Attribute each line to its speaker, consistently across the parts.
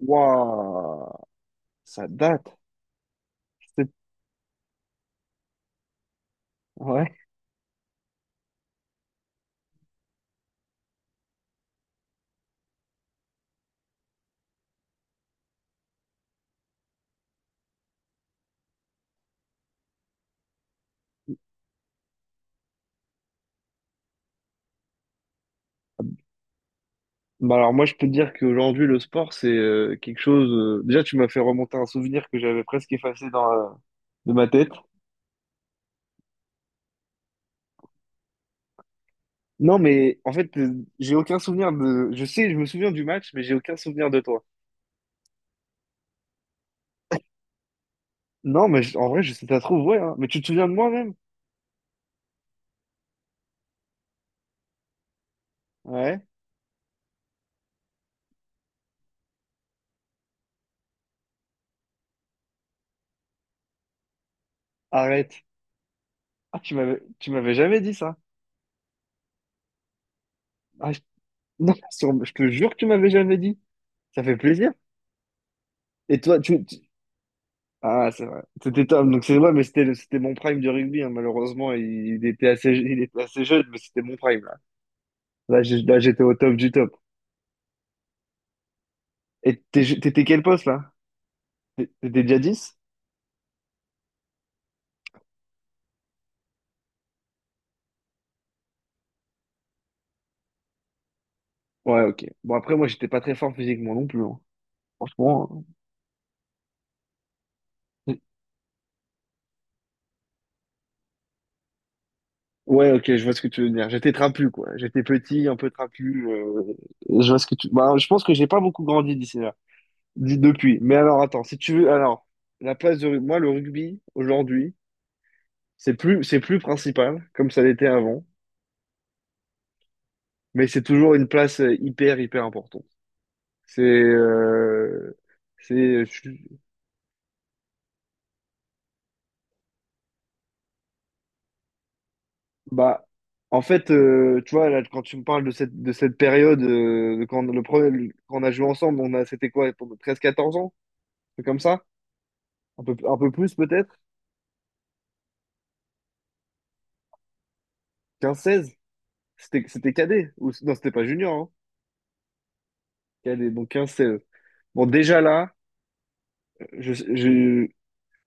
Speaker 1: Waouh, ça date. C'est- Ouais. Bah alors moi je peux te dire qu'aujourd'hui le sport c'est quelque chose. Déjà tu m'as fait remonter un souvenir que j'avais presque effacé dans de ma tête. Non mais en fait j'ai aucun souvenir de. Je sais, je me souviens du match, mais j'ai aucun souvenir de toi. Non mais en vrai je sais ça se trouve ouais. Hein. Mais tu te souviens de moi-même? Ouais. Arrête. Ah tu m'avais jamais dit ça. Ah, je... Non, je te jure que tu m'avais jamais dit. Ça fait plaisir. Et toi tu, Ah, c'est vrai. C'était Tom, donc c'est vrai, mais c'était mon prime du rugby, hein. Malheureusement, il était assez jeune, mais c'était mon prime, là. Là, j'étais au top du top. Et t'étais quel poste, là? T'étais déjà 10? Ouais, ok. Bon, après, moi, j'étais pas très fort physiquement non plus, hein. Franchement. Hein. Ouais, ok, je vois ce que tu veux dire. J'étais trapu, quoi. J'étais petit, un peu trapu. Et je vois ce que tu... Bah, je pense que j'ai pas beaucoup grandi d'ici là, depuis. Mais alors, attends, si tu veux... Alors, la place de... Moi, le rugby, aujourd'hui... C'est plus principal, comme ça l'était avant, mais c'est toujours une place hyper, hyper importante. C'est, euh, c'est, euh, je suis- Bah, en fait, tu vois, là, quand tu me parles de cette période, de quand, le premier, quand on a joué ensemble, on a, c'était quoi, pour 13-14 ans? C'est comme ça? Un peu plus, peut-être? 15-16. C'était cadet? Ou, non, c'était pas junior, hein. Cadet, donc quinze 16. Bon, déjà là, je, je,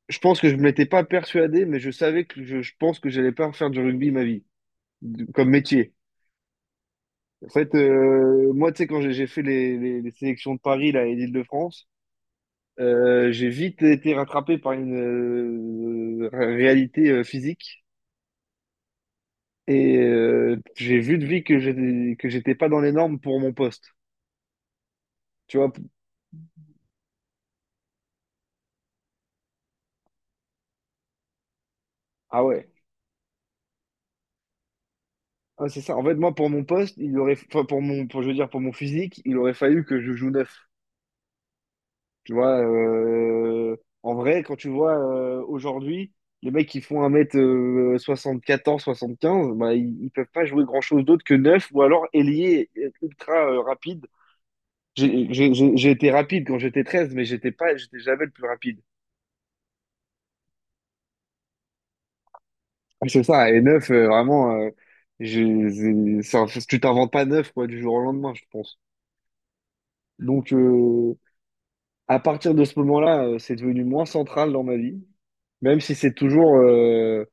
Speaker 1: je pense que je ne m'étais pas persuadé, mais je savais que je pense que j'allais pas faire du rugby ma vie. Comme métier. En fait, moi, tu sais, quand j'ai fait les sélections de Paris là, et d'Île-de-France, j'ai vite été rattrapé par une réalité physique et j'ai vu de vie que j'étais pas dans les normes pour mon poste. Tu vois? Ah ouais. Ah, c'est ça. En fait, moi, pour mon poste, il aurait, enfin, je veux dire, pour mon physique, il aurait fallu que je joue neuf. Tu vois, en vrai, quand tu vois aujourd'hui, les mecs qui font 1m74-1m75 bah, ils peuvent pas jouer grand-chose d'autre que neuf ou alors ailier ultra rapide. J'ai été rapide quand j'étais 13 mais j'étais jamais le plus rapide. Ah, c'est ça, et neuf, vraiment, je- tu t'inventes pas neuf quoi, du jour au lendemain, je pense. Donc, à partir de ce moment-là, c'est devenu moins central dans ma vie, même si c'est toujours.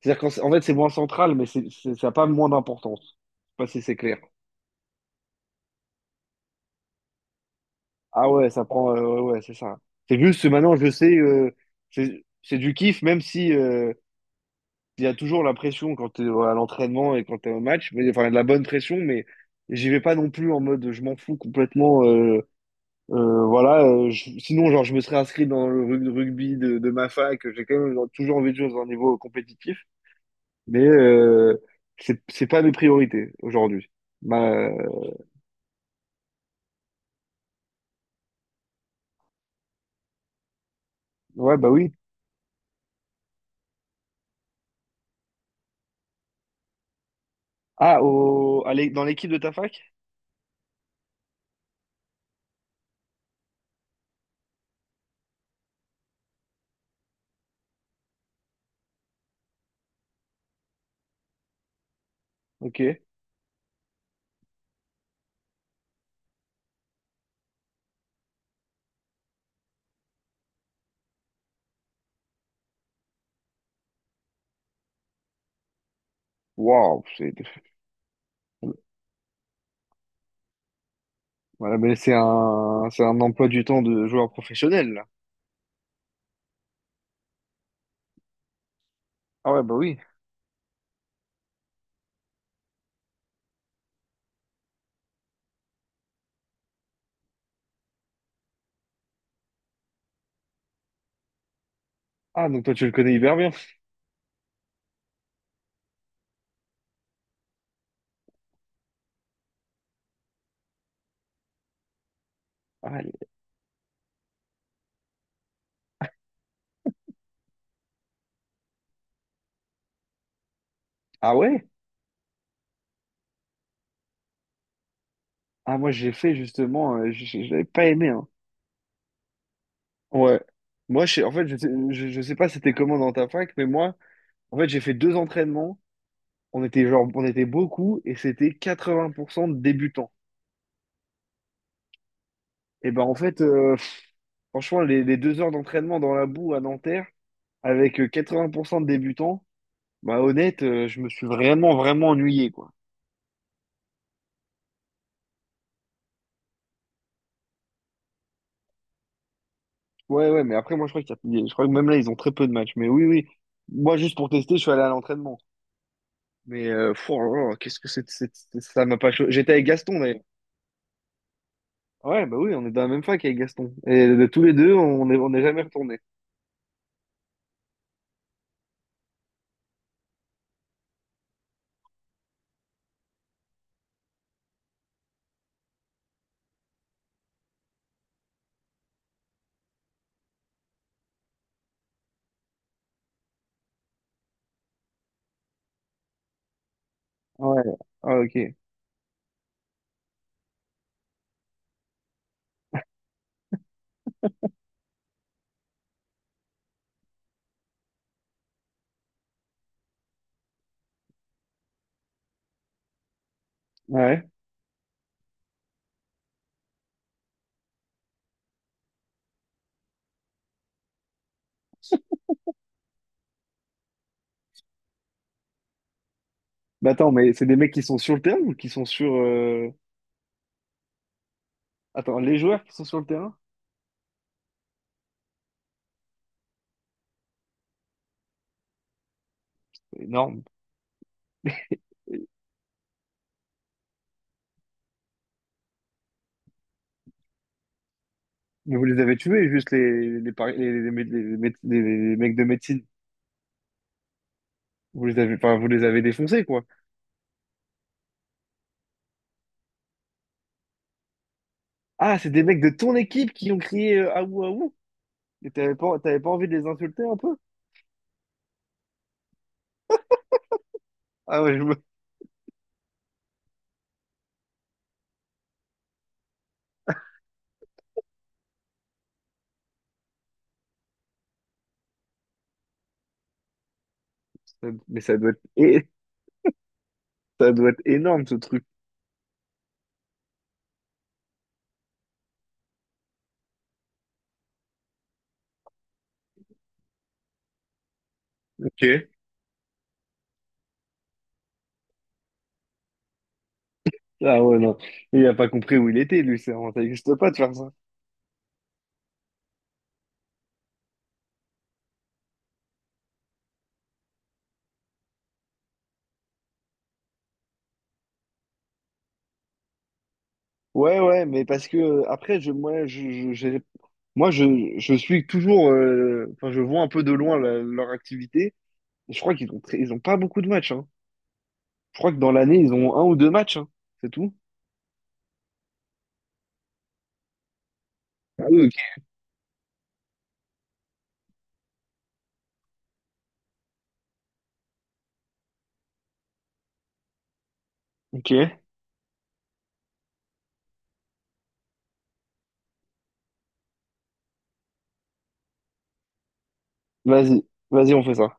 Speaker 1: C'est-à-dire qu'en fait, c'est moins central, mais ça n'a pas moins d'importance. Je sais pas si c'est clair. Ah ouais, ça prend. Ouais, ouais, c'est ça. C'est juste que maintenant, je sais, c'est du kiff, même si il y a toujours la pression quand t'es à l'entraînement et quand t'es au match. Mais, enfin, de la bonne pression, mais j'y vais pas non plus en mode je m'en fous complètement. Voilà, sinon, genre, je me serais inscrit dans le rugby de ma fac. J'ai quand même toujours envie de jouer dans un niveau compétitif, mais c'est pas mes priorités aujourd'hui. Ma, Ouais, bah oui. Ah, dans l'équipe de ta fac? Ok. Waouh, c'est voilà, mais c'est un emploi du temps de joueur professionnel, là. Ah ouais, bah oui. Ah, donc toi, tu le connais hyper bien. Ah, l- ah ouais? Ah, moi, j'ai fait justement, j'avais pas aimé, hein. Ouais. Moi, en fait, je sais pas c'était comment dans ta fac, mais moi, en fait, j'ai fait deux entraînements. On était genre, on était beaucoup et c'était 80% de débutants. Et ben, en fait, franchement, les 2 heures d'entraînement dans la boue à Nanterre, avec 80% de débutants, bah honnête, je me suis vraiment, vraiment ennuyé, quoi. Ouais, ouais, mais après, moi, je crois qu'il y a- je crois que même là, ils ont très peu de matchs. Mais oui, oui. Moi, juste pour tester, je suis allé à l'entraînement. Mais pff, oh là là, qu'est-ce que c'est, ça m'a pas cho- J'étais avec Gaston, d'ailleurs. Ouais, bah oui, on est dans la même fac avec Gaston. Et de tous les deux, on n'est jamais retournés. Ouais. Ah, ok. Ouais. Bah attends, mais c'est des mecs qui sont sur le terrain ou qui sont sur... Attends, les joueurs qui sont sur le terrain? Énorme. Mais vous les avez tués, juste les, pari- les, mé- les mé- les mecs de médecine. Enfin, vous les avez défoncés, quoi. Ah, c'est des mecs de ton équipe qui ont crié Ahou Ahou. Et t'avais pas envie de les insulter un peu? Ah ouais, Mais ça doit être énorme, ce truc. Ok. Ah ouais, non. Il a pas compris où il était, lui. Ça ça existe pas de faire ça. Ouais, ouais, mais parce que après, je, moi, je, j'ai- moi, je suis toujours, enfin, je vois un peu de loin leur activité. Je crois qu'ils ont pas beaucoup de matchs, hein. Je crois que dans l'année, ils ont un ou deux matchs, hein. C'est tout. Ah oui, ok. Ok. Vas-y, vas-y, on fait ça.